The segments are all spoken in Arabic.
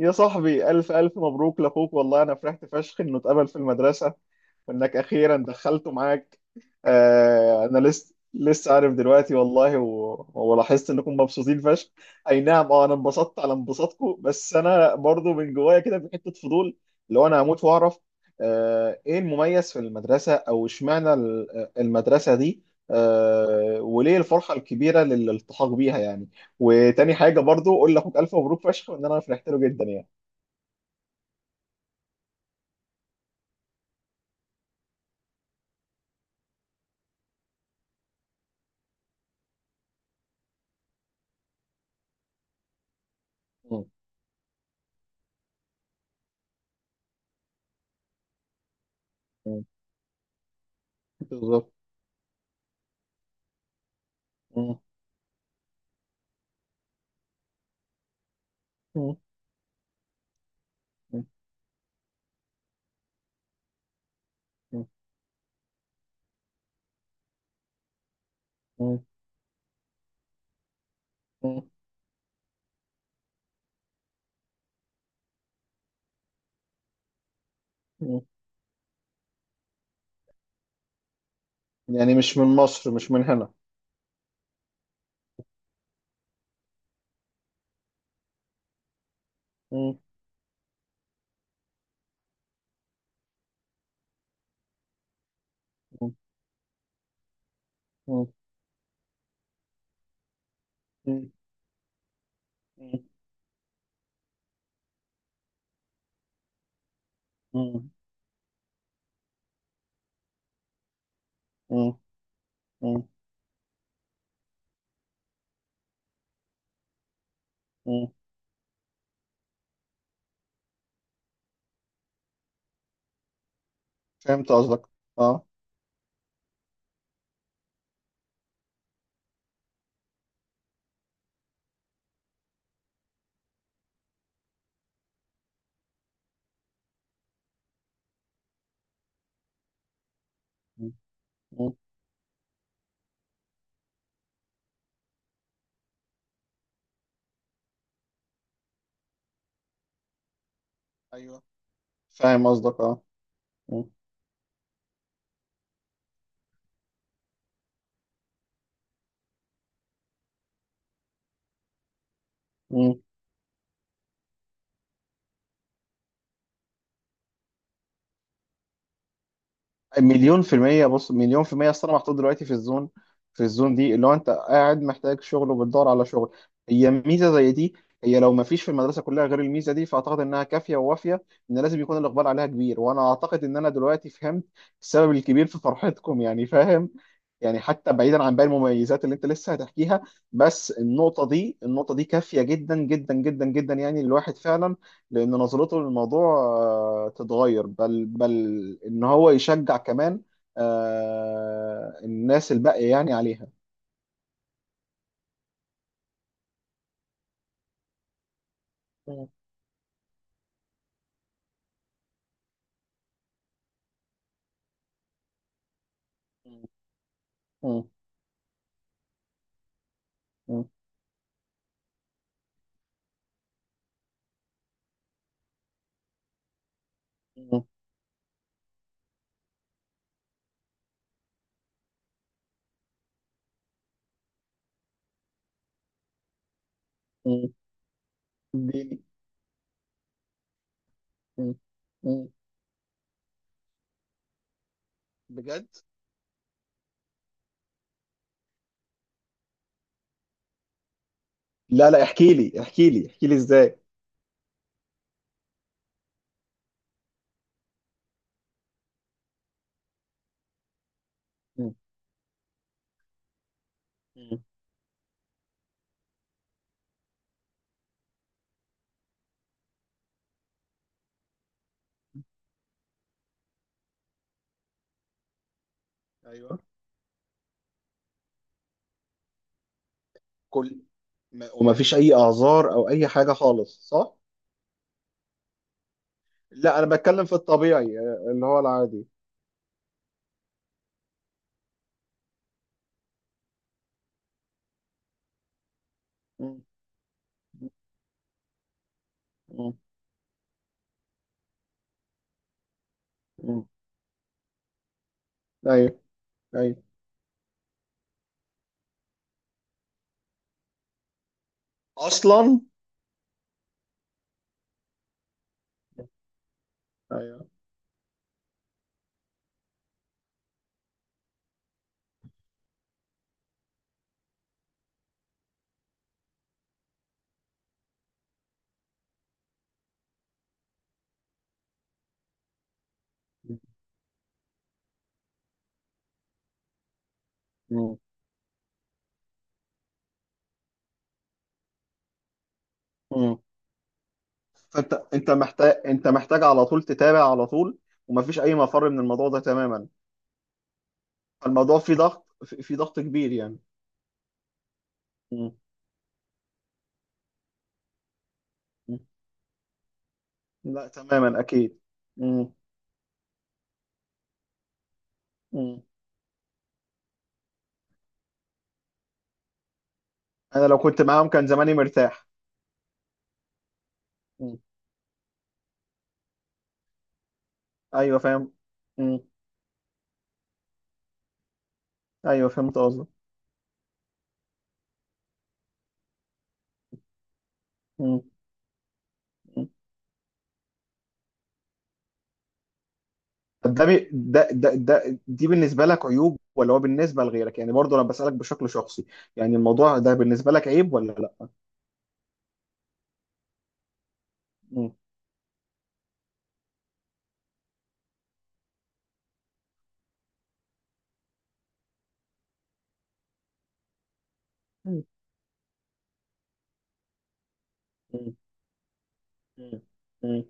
يا صاحبي ألف ألف مبروك لأخوك، والله أنا فرحت فشخ إنه اتقبل في المدرسة وإنك أخيرا دخلته معاك. أنا لسه عارف دلوقتي، والله ولاحظت إنكم مبسوطين فشخ. أي نعم، أنا انبسطت على انبساطكم، بس أنا برضو من جوايا كده في حتة فضول، لو أنا هموت وأعرف. إيه المميز في المدرسة؟ أو إشمعنى المدرسة دي؟ وليه الفرحة الكبيرة للالتحاق بيها يعني؟ وتاني حاجة برضو قول لأخوك ألف مبروك فشخ، وإن أنا فرحت له جدا يعني. مم. مم. بالظبط. مم. مم. مم. مم. مم. مم. مم. يعني مش من مصر، مش من هنا. مم. مم. مم. مم. مم. مم. مم. مم. فهمت قصدك. اه. مم. مم. ايوه فاهم قصدك. اه. مم. مليون في المية. بص، مليون في المية. أصل أنا محطوط دلوقتي في الزون، في الزون دي اللي هو أنت قاعد محتاج شغل وبتدور على شغل. هي ميزة زي دي، هي لو ما فيش في المدرسة كلها غير الميزة دي، فأعتقد إنها كافية ووافية، إن لازم يكون الإقبال عليها كبير. وأنا أعتقد إن أنا دلوقتي فهمت السبب الكبير في فرحتكم يعني، فاهم. يعني حتى بعيدا عن باقي المميزات اللي أنت لسه هتحكيها، بس النقطة دي، النقطة دي كافية جدا جدا جدا جدا، يعني الواحد فعلا لان نظرته للموضوع تتغير، بل ان هو يشجع كمان الناس الباقيه يعني عليها. مم. مم. مم. مم. مم. اديني. مم. مم. بجد. لا لا، احكي لي احكي لي احكي لي ازاي. مم. مم. ايوه. كل، ما وما فيش اي اعذار او اي حاجه خالص، صح. لا، انا بتكلم في الطبيعي، اللي هو العادي. مم. مم. مم. ايوه. ايوه اصلا. ايوه. مم. فانت، انت محتاج على طول تتابع على طول، ومفيش اي مفر من الموضوع ده تماما. فالموضوع فيه ضغط، في ضغط كبير يعني. مم. مم. لا تماما، اكيد. مم. مم. انا لو كنت معاهم كان زماني مرتاح. مم. ايوه فاهم. مم. ايوه فهمت قصدك. مم. مم. طب ده, بي- ده ده ده دي بالنسبه لك عيوب؟ ولا هو بالنسبه لغيرك يعني؟ برضه انا بسالك بشكل شخصي، يعني الموضوع ده بالنسبه لك عيب ولا لا؟ مم. مم. مم. مم.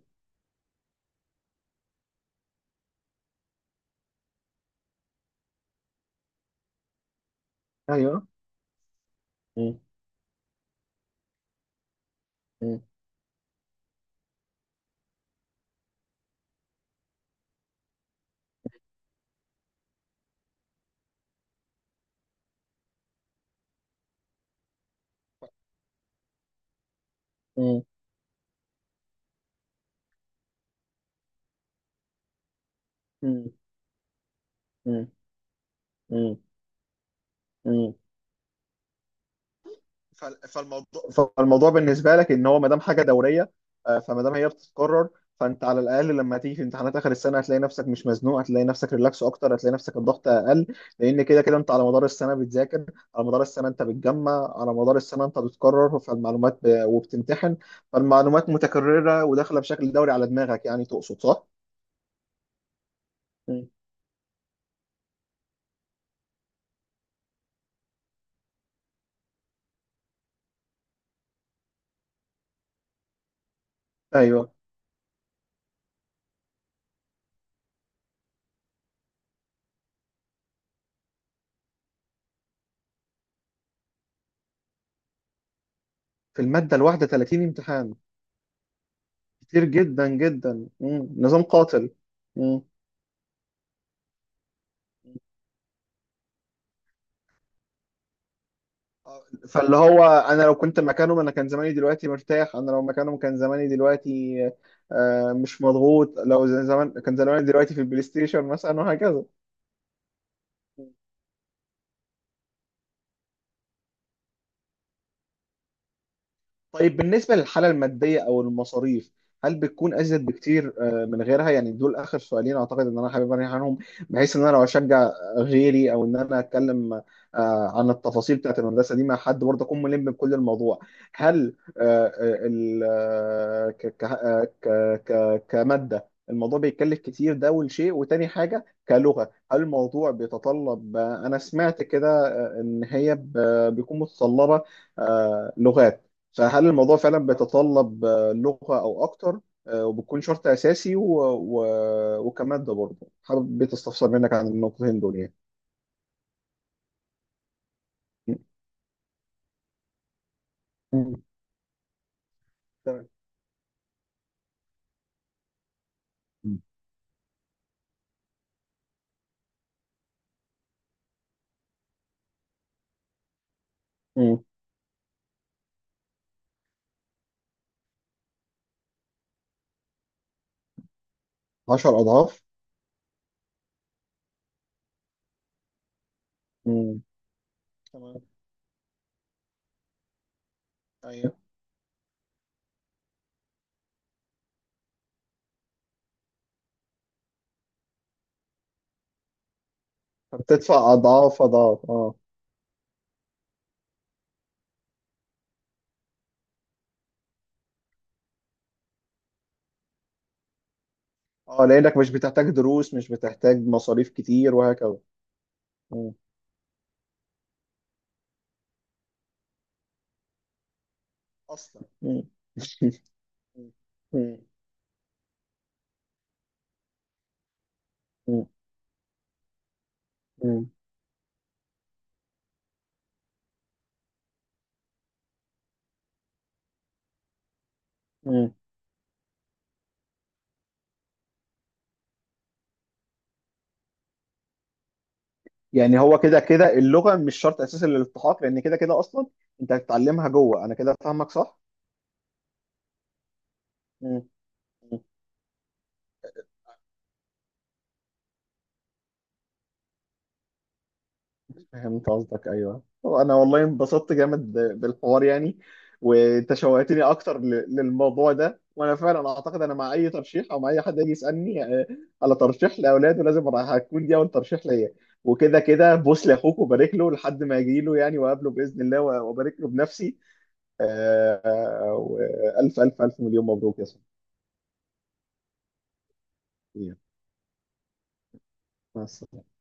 ايوه. مم. مم. مم. مم. مم. مم. فالموضوع، فالموضوع بالنسبه لك ان هو ما دام حاجه دوريه، فما دام هي بتتكرر، فانت على الاقل لما تيجي في امتحانات اخر السنه هتلاقي نفسك مش مزنوق، هتلاقي نفسك ريلاكس اكتر، هتلاقي نفسك الضغط اقل، لان كده كده انت على مدار السنه بتذاكر، على مدار السنه انت بتجمع، على مدار السنه انت بتكرر، وبتمتحن. فالمعلومات متكرره وداخله بشكل دوري على دماغك، يعني تقصد صح؟ مم. ايوه. في الماده الواحده 30 امتحان. كتير جدا جدا. مم. نظام قاتل. مم. فاللي هو انا لو كنت مكانهم انا كان زماني دلوقتي مرتاح، انا لو مكانهم كان زماني دلوقتي مش مضغوط. لو زمان كان زماني دلوقتي في البلاي ستيشن مثلا، وهكذا. طيب بالنسبة للحالة المادية أو المصاريف، هل بتكون أزيد بكتير من غيرها؟ يعني دول آخر سؤالين أعتقد إن أنا حابب أرجع عنهم، بحيث إن أنا لو أشجع غيري، أو إن أنا أتكلم عن التفاصيل بتاعت المدرسة دي مع حد برضه أكون ملم بكل الموضوع. هل آه، آه، ال- آه، ك- ك- آه، ك- ك- كمادة الموضوع بيتكلف كتير؟ ده أول شيء. وتاني حاجة، كلغة، هل الموضوع بيتطلب أنا سمعت كده إن هي بيكون متطلبة لغات؟ فهل الموضوع فعلا بيتطلب لغة أو أكتر وبتكون شرط أساسي وكمادة برضه حابب تستفسر منك عن النقطتين دول يعني. م. تمام. م. 10 أضعاف. م. تمام. أيوه، فبتدفع أضعاف أضعاف. أه. أه، لأنك مش بتحتاج دروس، مش بتحتاج مصاريف كتير، وهكذا. م. أصلا. م. م. م. م. م. يعني هو كده كده اللغه مش شرط اساسي للالتحاق، لان كده كده اصلا انت هتتعلمها جوه. انا كده فاهمك، صح؟ مم. مم. فهمت قصدك. ايوه، طب انا والله انبسطت جامد بالحوار يعني. وانت شوقتني اكتر للموضوع ده. وانا فعلا اعتقد انا مع اي ترشيح، او مع اي حد يجي يسالني على ترشيح لاولاده، لازم راح هتكون دي اول ترشيح ليا. وكده كده بوس لاخوك وبارك له لحد ما يجي له يعني، وقابله باذن الله وبارك له بنفسي. والف الف الف مليون مبروك يا صاحبي. مع السلامة.